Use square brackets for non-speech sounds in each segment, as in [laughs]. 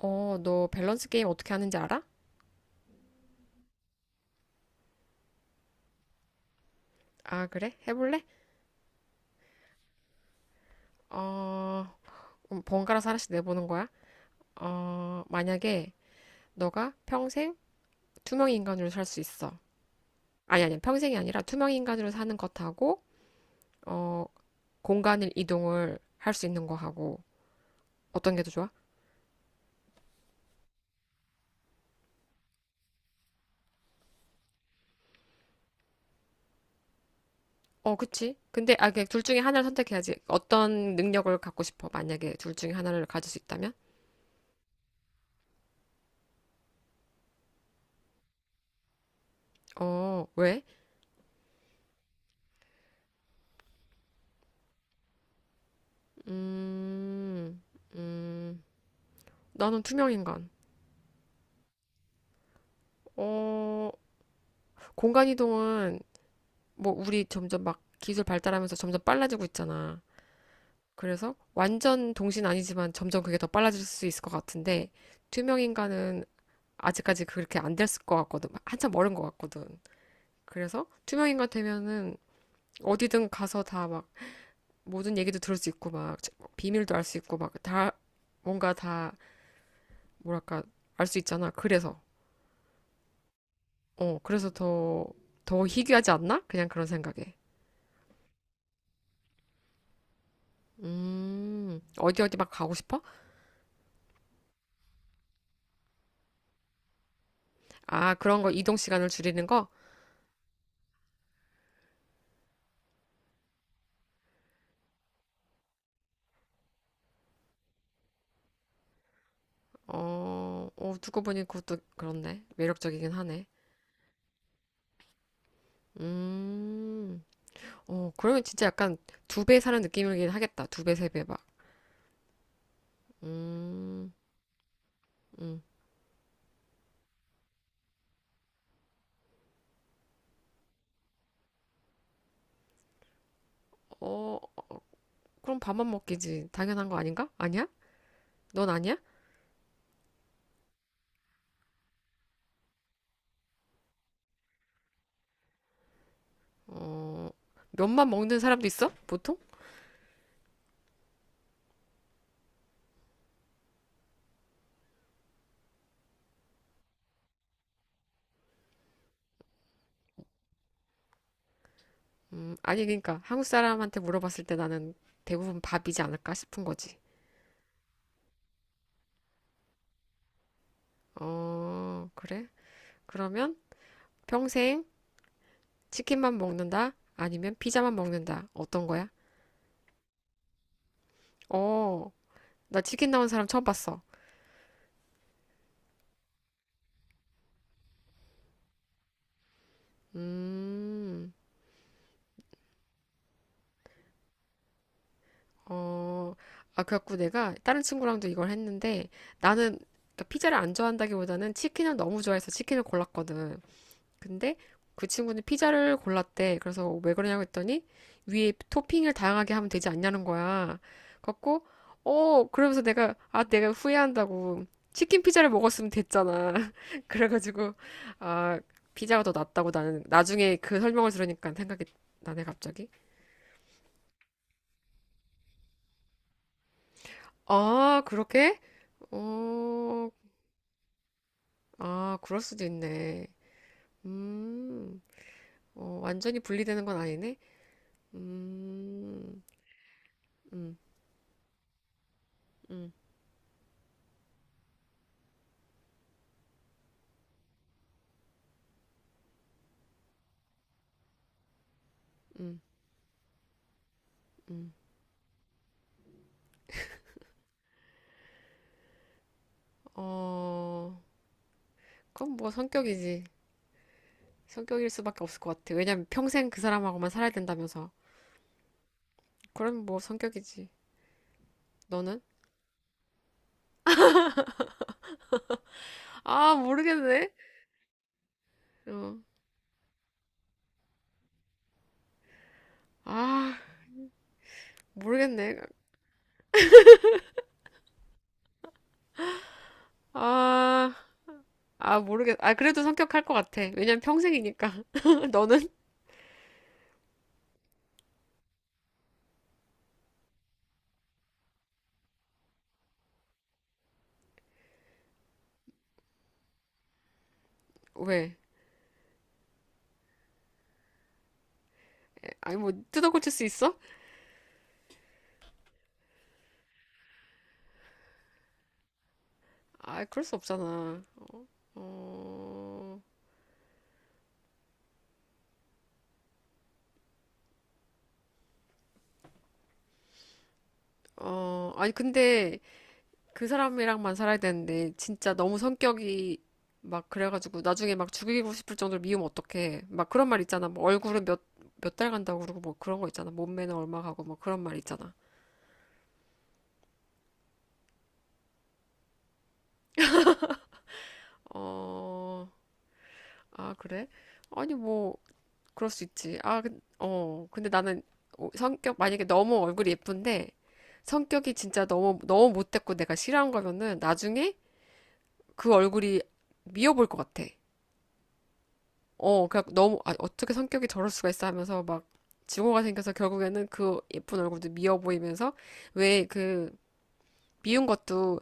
어, 너 밸런스 게임 어떻게 하는지 알아? 아, 그래? 해볼래? 어, 그럼 번갈아서 하나씩 내보는 거야? 만약에 너가 평생 투명 인간으로 살 수 있어. 아니, 아니, 평생이 아니라 투명 인간으로 사는 것하고, 어, 공간을 이동을 할 수 있는 거하고, 어떤 게 더 좋아? 어, 그치? 근데, 그둘 중에 하나를 선택해야지. 어떤 능력을 갖고 싶어? 만약에 둘 중에 하나를 가질 수 있다면? 어, 왜? 음, 음, 나는 투명 인간. 어, 공간 이동은 뭐 우리 점점 막 기술 발달하면서 점점 빨라지고 있잖아. 그래서 완전 동신 아니지만 점점 그게 더 빨라질 수 있을 것 같은데 투명 인간은 아직까지 그렇게 안 됐을 것 같거든. 한참 멀은 것 같거든. 그래서 투명 인간 되면은 어디든 가서 다 막 모든 얘기도 들을 수 있고 막 비밀도 알 수 있고 막 다 뭔가 다 뭐랄까 알 수 있잖아. 그래서 더 희귀하지 않나? 그냥 그런 생각에. 어디 어디 막 가고 싶어? 아, 그런 거 이동 시간을 줄이는 거? 어, 어, 고 보니 그것도 그렇네. 매력적이긴 하네. 음, 그러면 진짜 약간 두배 사는 느낌이긴 하겠다. 두 배, 세 배 막. 음, 음. 어, 그럼 밥만 먹기지. 당연한 거 아닌가? 아니야? 넌 아니야? 어, 면만 먹는 사람도 있어? 보통? 아니, 그러니까 한국 사람한테 물어봤을 때 나는 대부분 밥이지 않을까 싶은 거지. 어, 그래? 그러면 평생 치킨만 먹는다? 아니면 피자만 먹는다? 어떤 거야? 어, 나 치킨 나온 사람 처음 봤어. 음, 어, 아, 그래갖고 내가 다른 친구랑도 이걸 했는데 나는 그러니까 피자를 안 좋아한다기보다는 치킨을 너무 좋아해서 치킨을 골랐거든. 근데 그 친구는 피자를 골랐대. 그래서 왜 그러냐고 했더니 위에 토핑을 다양하게 하면 되지 않냐는 거야. 갖고 그러면서 내가 후회한다고 치킨 피자를 먹었으면 됐잖아. [laughs] 그래가지고 아 피자가 더 낫다고 나는 나중에 그 설명을 들으니까 생각이 나네 갑자기. 아, 그렇게? 어 아, 그럴 수도 있네. 음 완전히 분리되는 건 아니네. 음, 음, 음, 음, 음. 어, 그건 뭐 성격이지. 성격일 수밖에 없을 것 같아. 왜냐면 평생 그 사람하고만 살아야 된다면서. 그럼 뭐 성격이지. 너는? 아, 모르겠네. 어, 아, 모르겠네. 아, 아, 모르겠. 아, 그래도 성격할 것 같아. 왜냐면 평생이니까. [laughs] 너는? 왜? 아니, 뭐, 뜯어 고칠 수 있어? 아, 그럴 수 없잖아. 어, 어, 아니, 근데 그 사람이랑만 살아야 되는데 진짜 너무 성격이 막 그래가지고 나중에 막 죽이고 싶을 정도로 미우면 어떡해. 막 그런 말 있잖아. 뭐 얼굴은 몇 달 간다고 그러고 뭐 그런 거 있잖아. 몸매는 얼마 가고 뭐 그런 말 있잖아. 어, 아, 그래? 아니 뭐 그럴 수 있지. 아, 근데 나는 성격 만약에 너무 얼굴이 예쁜데 성격이 진짜 너무 너무 못됐고 내가 싫어한 거면은 나중에 그 얼굴이 미워 보일 것 같아. 어, 그냥 너무, 어떻게 성격이 저럴 수가 있어 하면서 막 증오가 생겨서 결국에는 그 예쁜 얼굴도 미워 보이면서 왜 그 미운 것도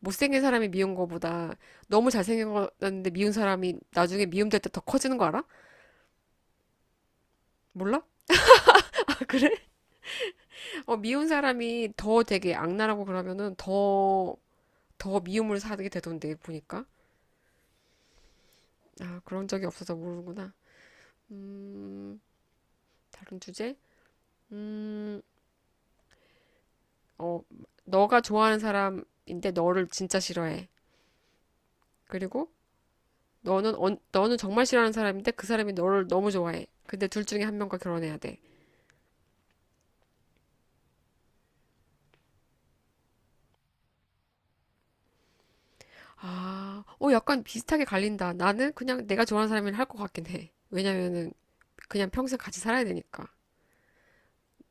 못생긴 사람이 미운 거보다 너무 잘생겼는데 미운 사람이 나중에 미움될 때 더 커지는 거 알아? 몰라? [laughs] 아, 그래? 어, 미운 사람이 더 되게 악랄하고 그러면은 더 미움을 사게 되던데, 보니까. 아, 그런 적이 없어서 모르는구나. 음, 다른 주제? 음, 어, 너가 좋아하는 사람인데 너를 진짜 싫어해. 그리고 너는 정말 싫어하는 사람인데 그 사람이 너를 너무 좋아해. 근데 둘 중에 한 명과 결혼해야 돼. 아, 약간 비슷하게 갈린다. 나는 그냥 내가 좋아하는 사람이랑 할 것 같긴 해. 왜냐면은 그냥 평생 같이 살아야 되니까.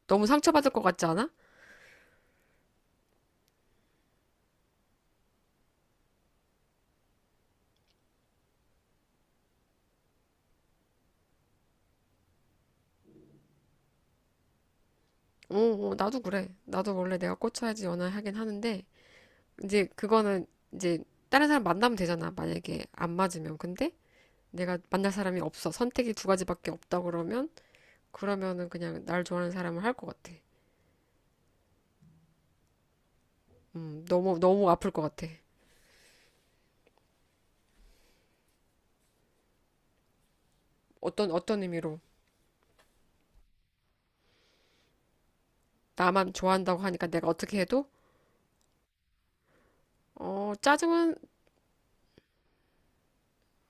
너무 상처받을 것 같지 않아? 어, 어, 나도 그래. 나도 원래 내가 꽂혀야지 연애하긴 하는데 이제 그거는 이제 다른 사람 만나면 되잖아. 만약에 안 맞으면. 근데 내가 만날 사람이 없어. 선택이 두 가지밖에 없다 그러면은 그냥 날 좋아하는 사람을 할 것 같아. 너무 너무 아플 것 같아. 어떤 어떤 의미로 나만 좋아한다고 하니까 내가 어떻게 해도 짜증은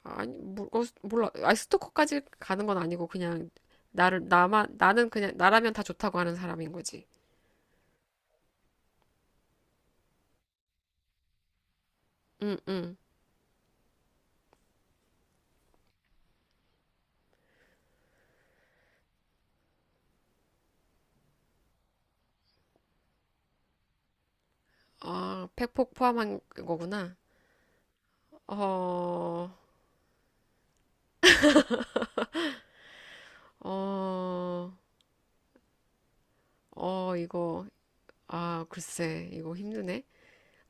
아니 몰라. 아 스토커까지 가는 건 아니고 그냥 나를 나만 나는 그냥 나라면 다 좋다고 하는 사람인 거지. 응, 응. 아, 팩폭 포함한 거구나. 어, 어, 어, 이거 아, 글쎄, 이거 힘드네.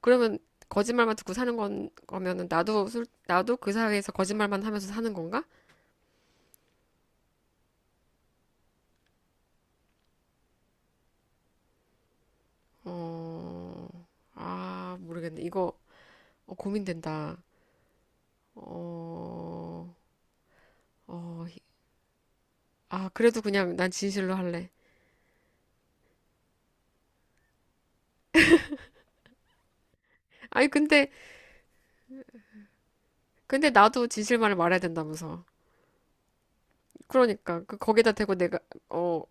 그러면 거짓말만 듣고 사는 건 거면은 나도 그 사회에서 거짓말만 하면서 사는 건가? 어, 아, 모르겠네. 이거 고민된다. 어, 어, 아, 그래도 그냥 난 진실로 할래. 아니, 근데 나도 진실만을 말해야 된다면서. 그러니까, 거기다 대고 내가, 어,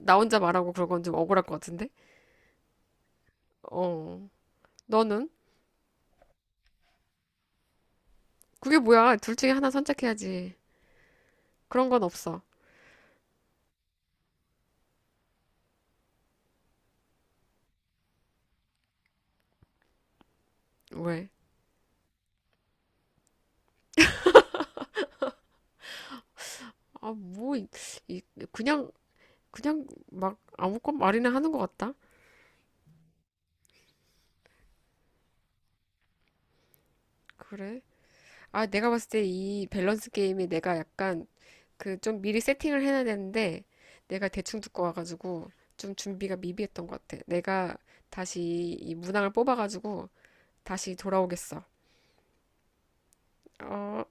나 혼자 말하고 그런 건 좀 억울할 것 같은데? 어, 너는? 그게 뭐야? 둘 중에 하나 선택해야지. 그런 건 없어. 왜? 아, 뭐, 이- 그냥, 그냥 막 아무것 말이나 하는 것 같다. 그래. 아, 내가 봤을 때 이 밸런스 게임에 내가 약간 그 좀 미리 세팅을 해놔야 되는데 내가 대충 듣고 와가지고 좀 준비가 미비했던 것 같아. 내가 다시 이 문항을 뽑아가지고 다시 돌아오겠어. 어.